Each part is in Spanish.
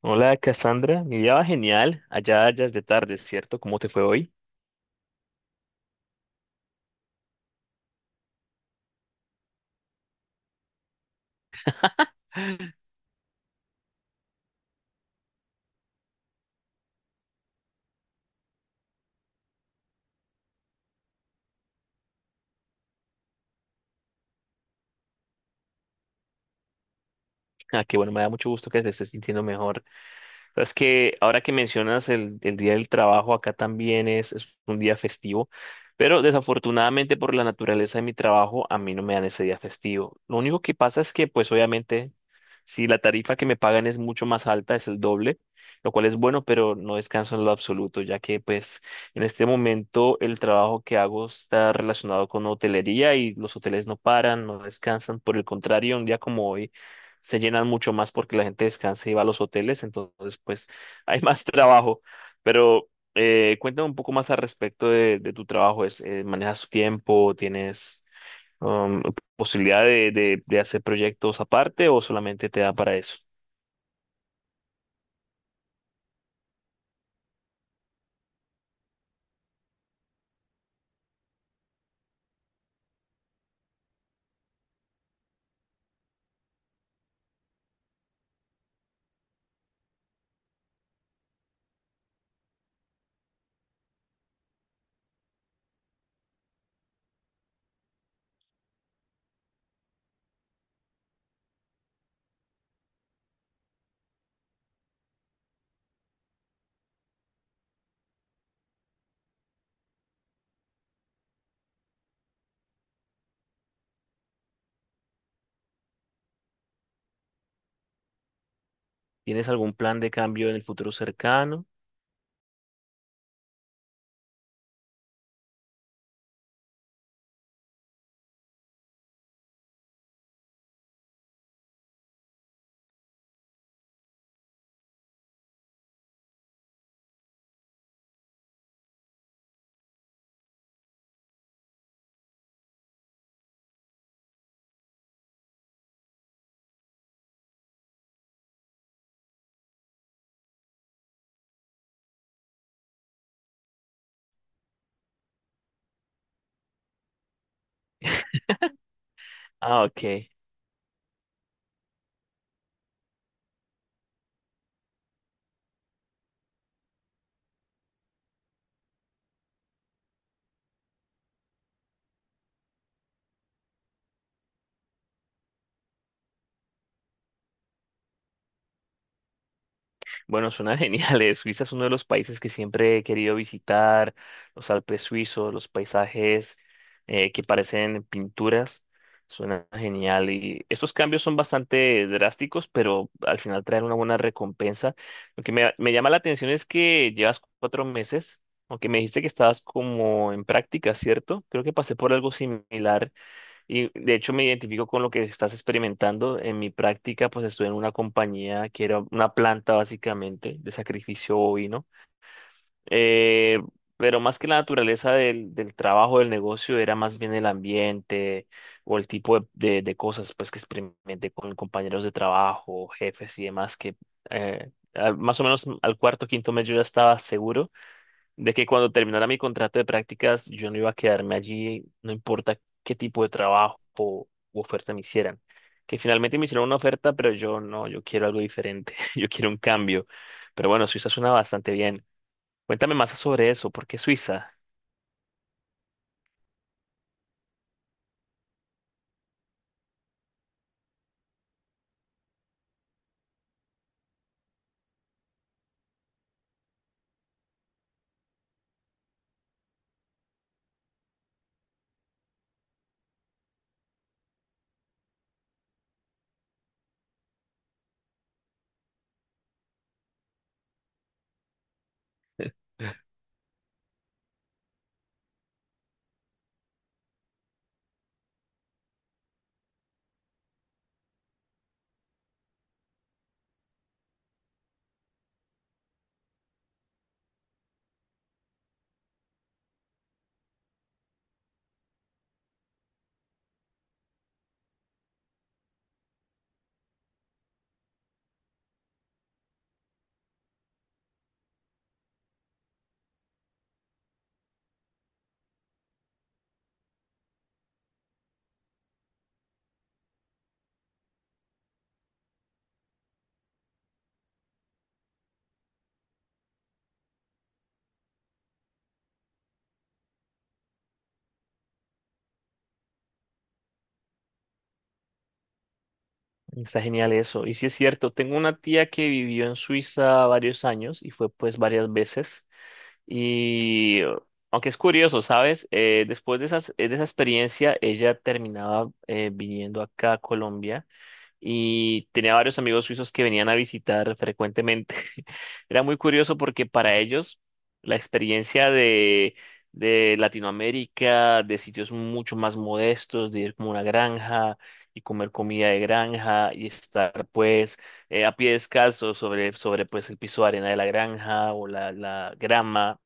Hola Cassandra, mi día va genial, allá ya es de tarde, ¿cierto? ¿Cómo te fue hoy? Ah, qué bueno, me da mucho gusto que te estés sintiendo mejor. Sabes que ahora que mencionas el día del trabajo, acá también es un día festivo, pero desafortunadamente por la naturaleza de mi trabajo, a mí no me dan ese día festivo. Lo único que pasa es que pues obviamente si la tarifa que me pagan es mucho más alta, es el doble, lo cual es bueno, pero no descanso en lo absoluto, ya que pues en este momento el trabajo que hago está relacionado con hotelería y los hoteles no paran, no descansan. Por el contrario, un día como hoy se llenan mucho más porque la gente descansa y va a los hoteles, entonces pues hay más trabajo. Pero cuéntame un poco más al respecto de tu trabajo, ¿manejas tu tiempo? ¿Tienes um, posibilidad de hacer proyectos aparte o solamente te da para eso? ¿Tienes algún plan de cambio en el futuro cercano? Ah, ok. Bueno, suena genial. Suiza es uno de los países que siempre he querido visitar, los Alpes suizos, los paisajes que parecen pinturas. Suena genial. Y estos cambios son bastante drásticos, pero al final traen una buena recompensa. Lo que me llama la atención es que llevas 4 meses, aunque me dijiste que estabas como en práctica, ¿cierto? Creo que pasé por algo similar y de hecho me identifico con lo que estás experimentando. En mi práctica, pues estuve en una compañía que era una planta básicamente de sacrificio bovino. Eh, pero más que la naturaleza del trabajo, del negocio, era más bien el ambiente o el tipo de cosas pues que experimenté con compañeros de trabajo, jefes y demás que más o menos al cuarto, quinto mes yo ya estaba seguro de que cuando terminara mi contrato de prácticas yo no iba a quedarme allí, no importa qué tipo de trabajo o u oferta me hicieran. Que finalmente me hicieron una oferta, pero yo no, yo quiero algo diferente, yo quiero un cambio. Pero bueno, Suiza suena bastante bien. Cuéntame más sobre eso, ¿por qué Suiza? Está genial eso. Y sí es cierto, tengo una tía que vivió en Suiza varios años y fue pues varias veces. Y aunque es curioso, ¿sabes? Después de de esa experiencia, ella terminaba viniendo acá a Colombia y tenía varios amigos suizos que venían a visitar frecuentemente. Era muy curioso porque para ellos la experiencia de Latinoamérica, de sitios mucho más modestos, de ir como a una granja y comer comida de granja y estar pues a pie descalzo sobre pues el piso de arena de la granja o la grama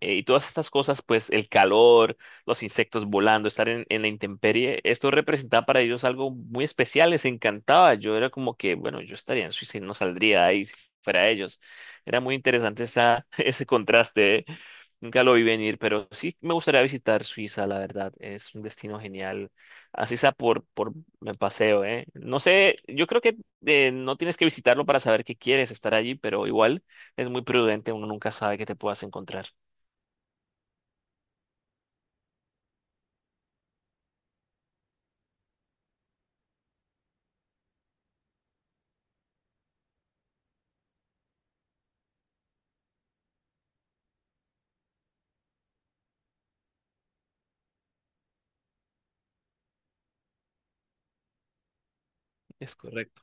y todas estas cosas, pues el calor, los insectos volando, estar en la intemperie, esto representaba para ellos algo muy especial, les encantaba. Yo era como que, bueno, yo estaría en Suiza y no saldría de ahí si fuera ellos. Era muy interesante esa, ese contraste, ¿eh? Nunca lo vi venir, pero sí me gustaría visitar Suiza, la verdad. Es un destino genial. Así sea por me paseo, ¿eh? No sé, yo creo que no tienes que visitarlo para saber que quieres estar allí, pero igual es muy prudente, uno nunca sabe qué te puedas encontrar. Es correcto,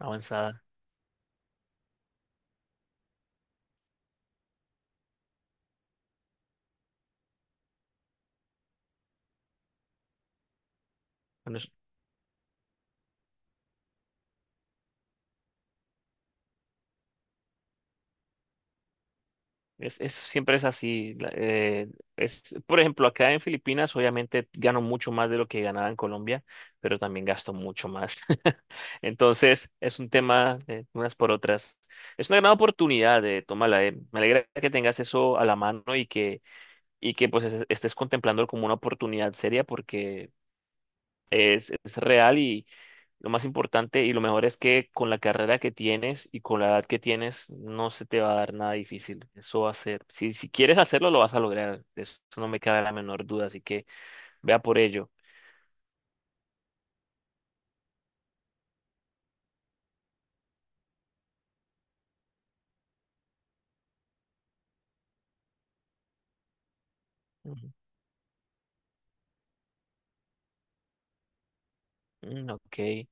avanzada. Bueno, es, siempre es así. Es, por ejemplo, acá en Filipinas, obviamente gano mucho más de lo que ganaba en Colombia, pero también gasto mucho más. Entonces, es un tema de unas por otras. Es una gran oportunidad, de tómala. Eh, me alegra que tengas eso a la mano y que pues estés contemplando como una oportunidad seria porque es real. Lo más importante y lo mejor es que con la carrera que tienes y con la edad que tienes, no se te va a dar nada difícil. Eso va a ser. Si quieres hacerlo, lo vas a lograr. De eso no me cabe la menor duda. Así que vea por ello. Ujú. Mm, ok.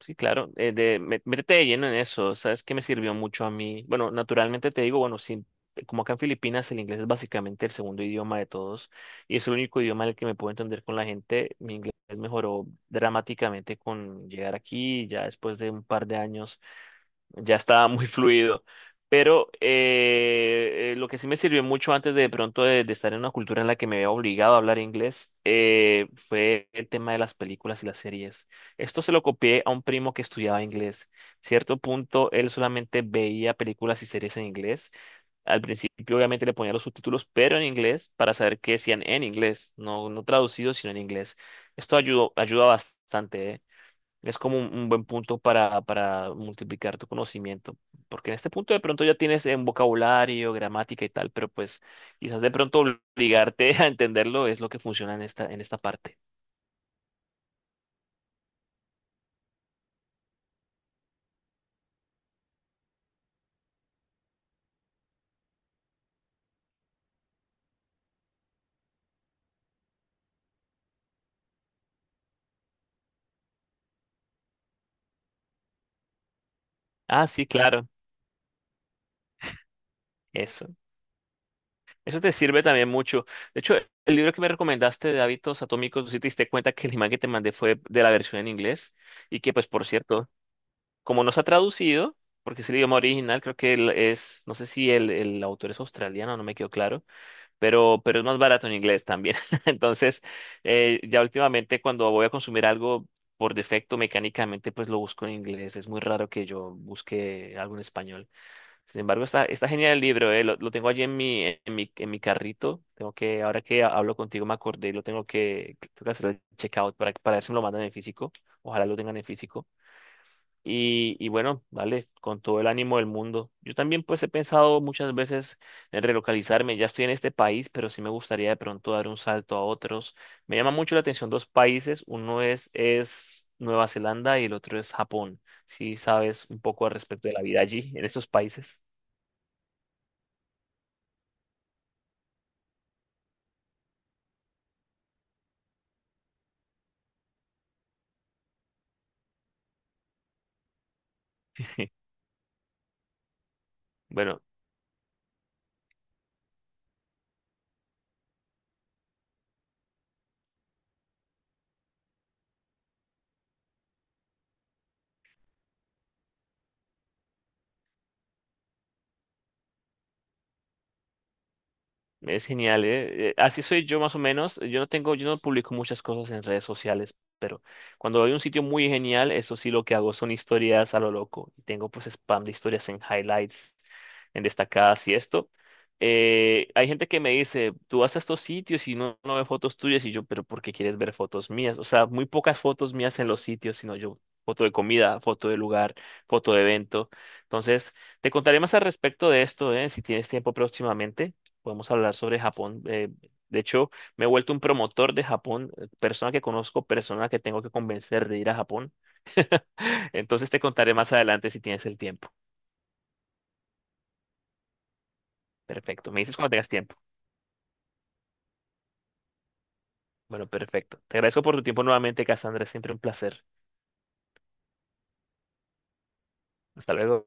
Sí, claro, métete de lleno en eso, ¿sabes qué me sirvió mucho a mí? Bueno, naturalmente te digo, bueno, sí, como acá en Filipinas el inglés es básicamente el segundo idioma de todos y es el único idioma en el que me puedo entender con la gente, mi inglés mejoró dramáticamente con llegar aquí, ya después de un par de años ya estaba muy fluido. Pero lo que sí me sirvió mucho antes de estar en una cultura en la que me había obligado a hablar inglés fue el tema de las películas y las series. Esto se lo copié a un primo que estudiaba inglés. Cierto punto, él solamente veía películas y series en inglés. Al principio, obviamente, le ponía los subtítulos, pero en inglés, para saber qué decían en inglés, no, no traducido, sino en inglés. Esto ayudó, ayuda bastante, ¿eh? Es como un buen punto para multiplicar tu conocimiento, porque en este punto de pronto ya tienes en vocabulario, gramática y tal, pero pues quizás de pronto obligarte a entenderlo es lo que funciona en esta parte. Ah, sí, claro, eso. Eso te sirve también mucho. De hecho, el libro que me recomendaste de hábitos atómicos, si te diste cuenta que el imán que te mandé fue de la versión en inglés y que pues por cierto, como no se ha traducido, porque es el idioma original, creo que él es, no sé si el autor es australiano, no me quedó claro, pero es más barato en inglés también. Entonces, ya últimamente cuando voy a consumir algo por defecto mecánicamente, pues lo busco en inglés. Es muy raro que yo busque algo en español. Sin embargo, está genial el libro. Lo tengo allí en mi, en mi carrito. Tengo que, ahora que hablo contigo me acordé, lo tengo que hacer el checkout para ver si me lo mandan en físico. Ojalá lo tengan en físico. Y bueno, vale, con todo el ánimo del mundo. Yo también pues he pensado muchas veces en relocalizarme. Ya estoy en este país, pero sí me gustaría de pronto dar un salto a otros. Me llama mucho la atención dos países. Uno es Nueva Zelanda y el otro es Japón. Si sabes un poco al respecto de la vida allí, en estos países. Bueno, es genial, ¿eh? Así soy yo más o menos. Yo no tengo, yo no publico muchas cosas en redes sociales, pero cuando hay un sitio muy genial, eso sí lo que hago son historias a lo loco. Y tengo pues spam de historias en highlights, en destacadas y esto. Hay gente que me dice, tú vas a estos sitios y no, no ve fotos tuyas y yo, pero ¿por qué quieres ver fotos mías? O sea, muy pocas fotos mías en los sitios, sino yo, foto de comida, foto de lugar, foto de evento. Entonces, te contaré más al respecto de esto, ¿eh? Si tienes tiempo próximamente podemos hablar sobre Japón. De hecho, me he vuelto un promotor de Japón. Persona que conozco, persona que tengo que convencer de ir a Japón. Entonces te contaré más adelante si tienes el tiempo. Perfecto. Me dices cuando tengas tiempo. Bueno, perfecto. Te agradezco por tu tiempo nuevamente, Cassandra. Es siempre un placer. Hasta luego.